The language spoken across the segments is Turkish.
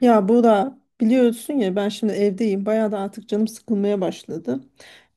Ya Bora biliyorsun ya ben şimdi evdeyim. Bayağı da artık canım sıkılmaya başladı.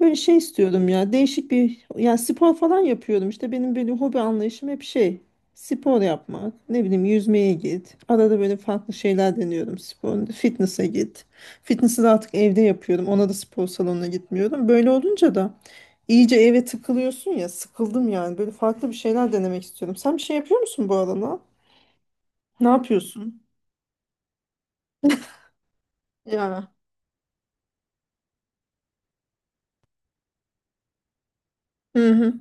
Böyle şey istiyorum ya değişik bir yani spor falan yapıyorum. İşte benim böyle hobi anlayışım hep şey spor yapmak. Ne bileyim yüzmeye git. Arada böyle farklı şeyler deniyorum spor. Fitness'e git. Fitness'ı da artık evde yapıyorum. Ona da spor salonuna gitmiyorum. Böyle olunca da iyice eve tıkılıyorsun ya sıkıldım yani. Böyle farklı bir şeyler denemek istiyorum. Sen bir şey yapıyor musun bu arada? Ne yapıyorsun? Ya. Hı hı.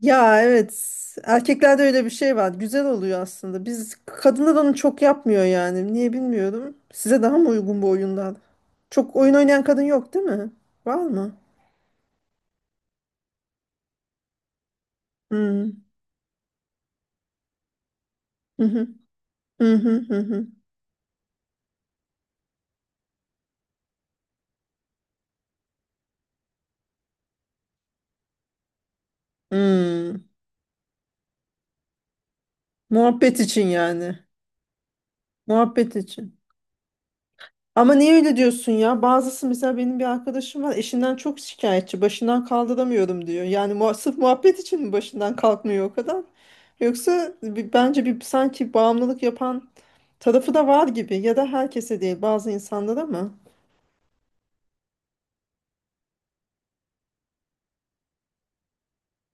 Ya, evet. Erkeklerde öyle bir şey var. Güzel oluyor aslında. Biz kadınlar onu çok yapmıyor yani. Niye bilmiyorum. Size daha mı uygun bu oyunlar? Çok oyun oynayan kadın yok, değil mi? Var mı? Hmm. Hı hı. Hı hı hı hı. Hmm. Muhabbet için yani. Muhabbet için. Ama niye öyle diyorsun ya? Bazısı, mesela benim bir arkadaşım var, eşinden çok şikayetçi. Başından kaldıramıyorum, diyor. Yani sırf muhabbet için mi başından kalkmıyor o kadar? Yoksa bence bir sanki bağımlılık yapan tarafı da var gibi. Ya da herkese değil, bazı insanlara mı?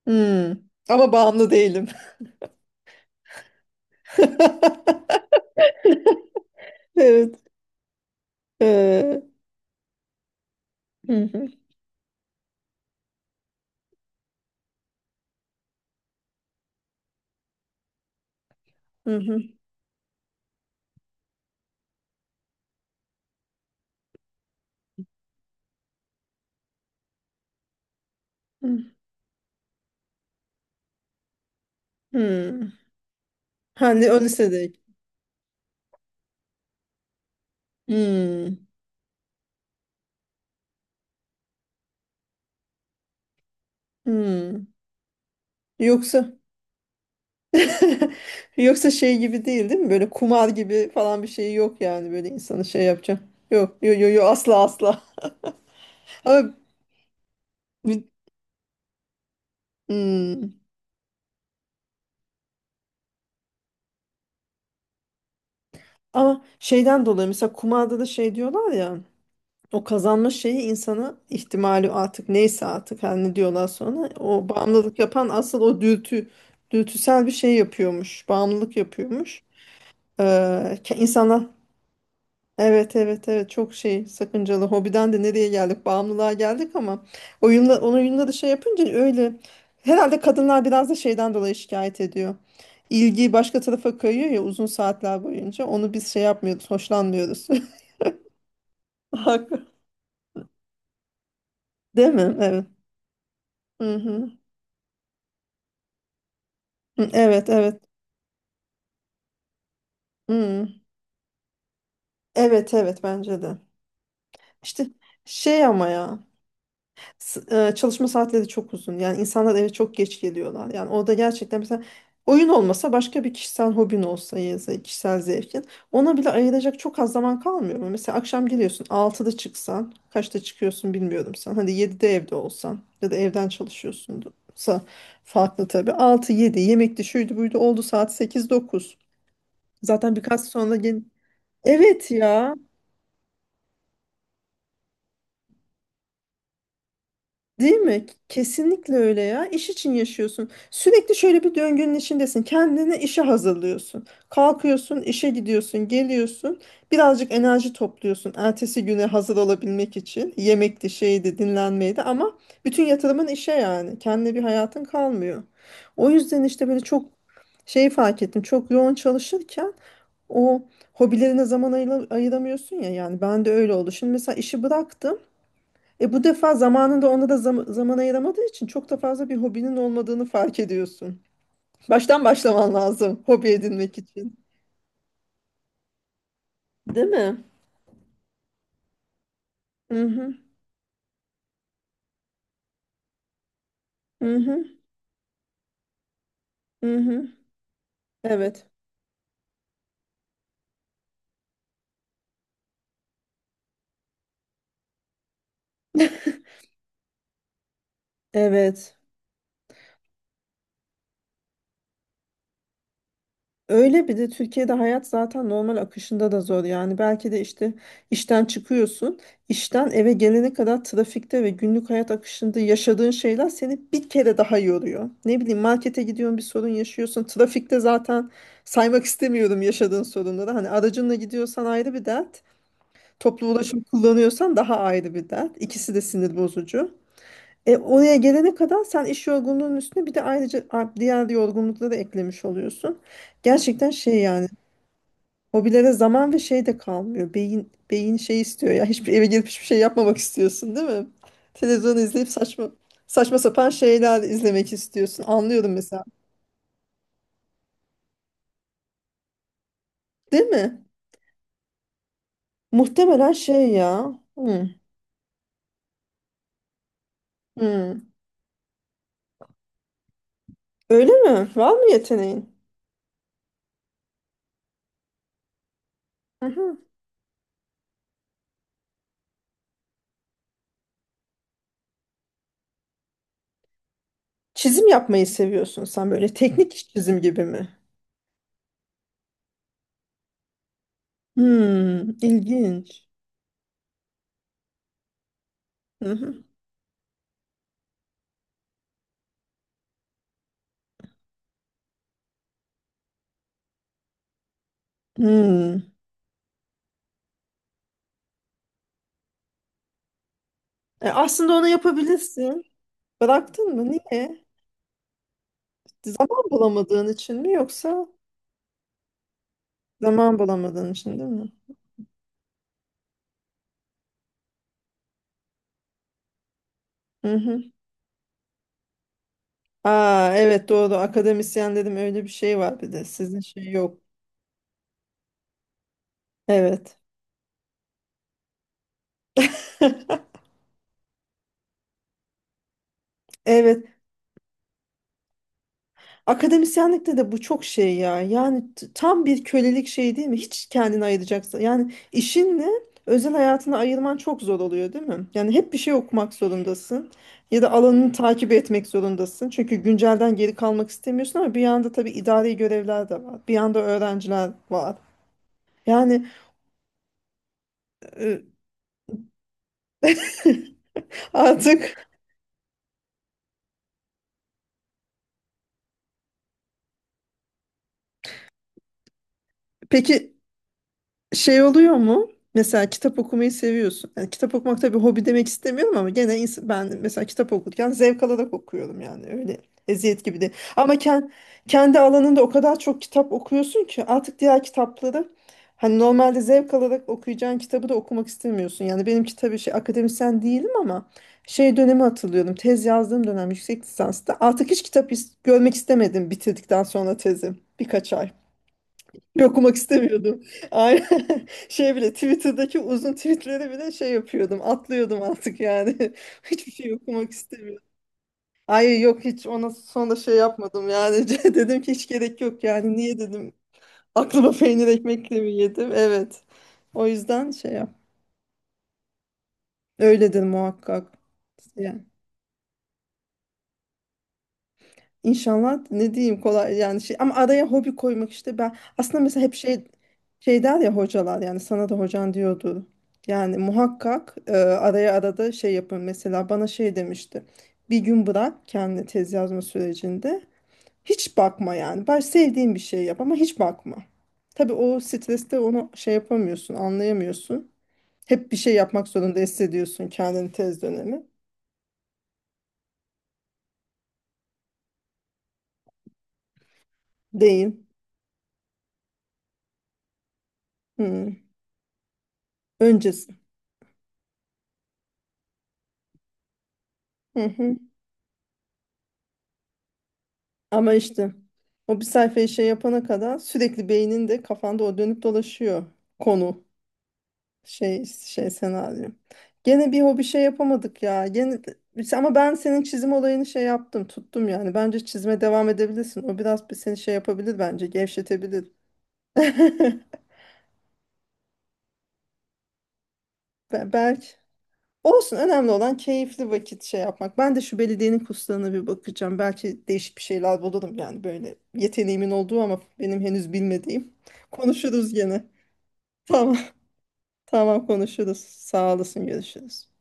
Hmm. Ama bağımlı değilim. Evet. Ee, hı hı, hı hı, hı. Hmm. Hani o lisedeyken. Hmm. Hmm. Yoksa Yoksa şey gibi değil, değil mi? Böyle kumar gibi falan bir şey yok yani, böyle insanı şey yapacak. Yok, yok, yok, yo, asla, asla. Ama, bir- hmm. Ama şeyden dolayı, mesela kumarda da şey diyorlar ya, o kazanma şeyi insana ihtimali artık neyse, artık her ne diyorlar sonra, o bağımlılık yapan asıl o dürtüsel bir şey yapıyormuş. Bağımlılık yapıyormuş. Ee, ke- insanlar evet, evet, evet, çok şey sakıncalı hobiden de nereye geldik, bağımlılığa geldik ama oyunla, onun oyunla da şey yapınca öyle, herhalde kadınlar biraz da şeyden dolayı şikayet ediyor. İlgi başka tarafa kayıyor ya, uzun saatler boyunca onu biz şey yapmıyoruz, hoşlanmıyoruz. Haklı. Değil mi? Evet. Hı-hı. Evet, evet. Hı. Evet, evet, bence de. İşte şey ama ya. S- çalışma saatleri çok uzun. Yani insanlar eve çok geç geliyorlar. Yani orada gerçekten, mesela oyun olmasa başka bir kişisel hobin olsa ya da kişisel zevkin. Ona bile ayıracak çok az zaman kalmıyor mu? Mesela akşam geliyorsun 6'da çıksan kaçta çıkıyorsun bilmiyorum sen. Hadi 7'de evde olsan ya da evden çalışıyorsunsa farklı tabii. Altı yedi yemekti, şuydu, buydu oldu, saat sekiz dokuz. Zaten birkaç sonra gel. Evet ya. Değil mi? Kesinlikle öyle ya. İş için yaşıyorsun. Sürekli şöyle bir döngünün içindesin. Kendini işe hazırlıyorsun. Kalkıyorsun, işe gidiyorsun, geliyorsun. Birazcık enerji topluyorsun. Ertesi güne hazır olabilmek için. Yemekti, şeydi, dinlenmeydi ama bütün yatırımın işe yani. Kendine bir hayatın kalmıyor. O yüzden işte böyle çok şey fark ettim. Çok yoğun çalışırken o hobilerine zaman ayıramıyorsun ya. Yani ben de öyle oldu. Şimdi mesela işi bıraktım. Bu defa zamanında ona da zaman ayıramadığı için çok da fazla bir hobinin olmadığını fark ediyorsun. Baştan başlaman lazım hobi edinmek için. Değil mi? Hı hı. Hı hı. Hı hı. Evet. Evet. Öyle, bir de Türkiye'de hayat zaten normal akışında da zor. Yani belki de işte işten çıkıyorsun, işten eve gelene kadar trafikte ve günlük hayat akışında yaşadığın şeyler seni bir kere daha yoruyor. Ne bileyim, markete gidiyorsun, bir sorun yaşıyorsun. Trafikte zaten saymak istemiyorum yaşadığın sorunları. Hani aracınla gidiyorsan ayrı bir dert, toplu ulaşım kullanıyorsan daha ayrı bir dert. İkisi de sinir bozucu. Oraya gelene kadar sen iş yorgunluğunun üstüne bir de ayrıca diğer yorgunlukları eklemiş oluyorsun. Gerçekten şey yani. Hobilere zaman ve şey de kalmıyor. Beyin beyin şey istiyor ya. Eve gelip hiçbir şey yapmamak istiyorsun, değil mi? Televizyon izleyip saçma sapan şeyler izlemek istiyorsun. Anlıyorum mesela. Değil mi? Muhtemelen şey ya. Hmm, hmm. Öyle mi? Var mı yeteneğin? Hı-hı. Çizim yapmayı seviyorsun sen, böyle teknik iş çizim gibi mi? Hmm, ilginç. Hı-hı. Hmm. Aslında onu yapabilirsin. Bıraktın mı? Niye? Zaman bulamadığın için mi yoksa? Zaman bulamadığın için, değil mi? Hı hı. Aa, evet, doğru, akademisyen dedim, öyle bir şey var, bir de sizin şey yok. Evet. Evet. Akademisyenlikte de bu çok şey ya. Yani tam bir kölelik şey, değil mi? Hiç kendini ayıracaksın. Yani işinle özel hayatını ayırman çok zor oluyor, değil mi? Yani hep bir şey okumak zorundasın. Ya da alanını takip etmek zorundasın. Çünkü güncelden geri kalmak istemiyorsun ama bir yanda tabii idari görevler de var. Bir yanda öğrenciler var. Yani e, artık. Peki şey oluyor mu? Mesela kitap okumayı seviyorsun. Yani kitap okumak, tabii hobi demek istemiyorum ama gene ben mesela kitap okurken zevk alarak okuyorum yani, öyle eziyet gibi de. Ama kendi alanında o kadar çok kitap okuyorsun ki artık diğer kitapları, hani normalde zevk alarak okuyacağın kitabı da okumak istemiyorsun. Yani benimki tabii şey, akademisyen değilim ama şey dönemi hatırlıyorum. Tez yazdığım dönem, yüksek lisansta artık hiç kitap görmek istemedim bitirdikten sonra tezi, birkaç ay. Yok, okumak istemiyordum. Aynen. Şey bile, Twitter'daki uzun tweetleri bile şey yapıyordum. Atlıyordum artık yani. Hiçbir şey okumak istemiyordum. Ay, yok, hiç ona sonra şey yapmadım yani. Dedim ki hiç gerek yok yani. Niye dedim aklıma, peynir ekmekle mi yedim? Evet. O yüzden şey yap. Öyle dedim muhakkak. Yani İnşallah ne diyeyim, kolay yani şey, ama araya hobi koymak işte, ben aslında mesela hep şey der ya hocalar, yani sana da hocan diyordu. Yani muhakkak araya, arada şey yapın, mesela bana şey demişti. Bir gün bırak, kendi tez yazma sürecinde hiç bakma yani. Ben sevdiğin bir şey yap ama hiç bakma. Tabii o streste onu şey yapamıyorsun, anlayamıyorsun. Hep bir şey yapmak zorunda hissediyorsun kendini tez dönemi. Değil. Hı. Öncesi. Hı hı. Ama işte o bir sayfayı şey yapana kadar sürekli beyninde, kafanda o dönüp dolaşıyor konu, şey senaryo. Gene bir hobi şey yapamadık ya. Gene, ama ben senin çizim olayını şey yaptım, tuttum yani. Bence çizime devam edebilirsin. O biraz bir seni şey yapabilir bence, gevşetebilir. Belki olsun, önemli olan keyifli vakit şey yapmak. Ben de şu belediyenin kurslarına bir bakacağım. Belki değişik bir şeyler bulurum yani, böyle yeteneğimin olduğu ama benim henüz bilmediğim. Konuşuruz gene. Tamam, tamam, konuşuruz. Sağ olasın, görüşürüz.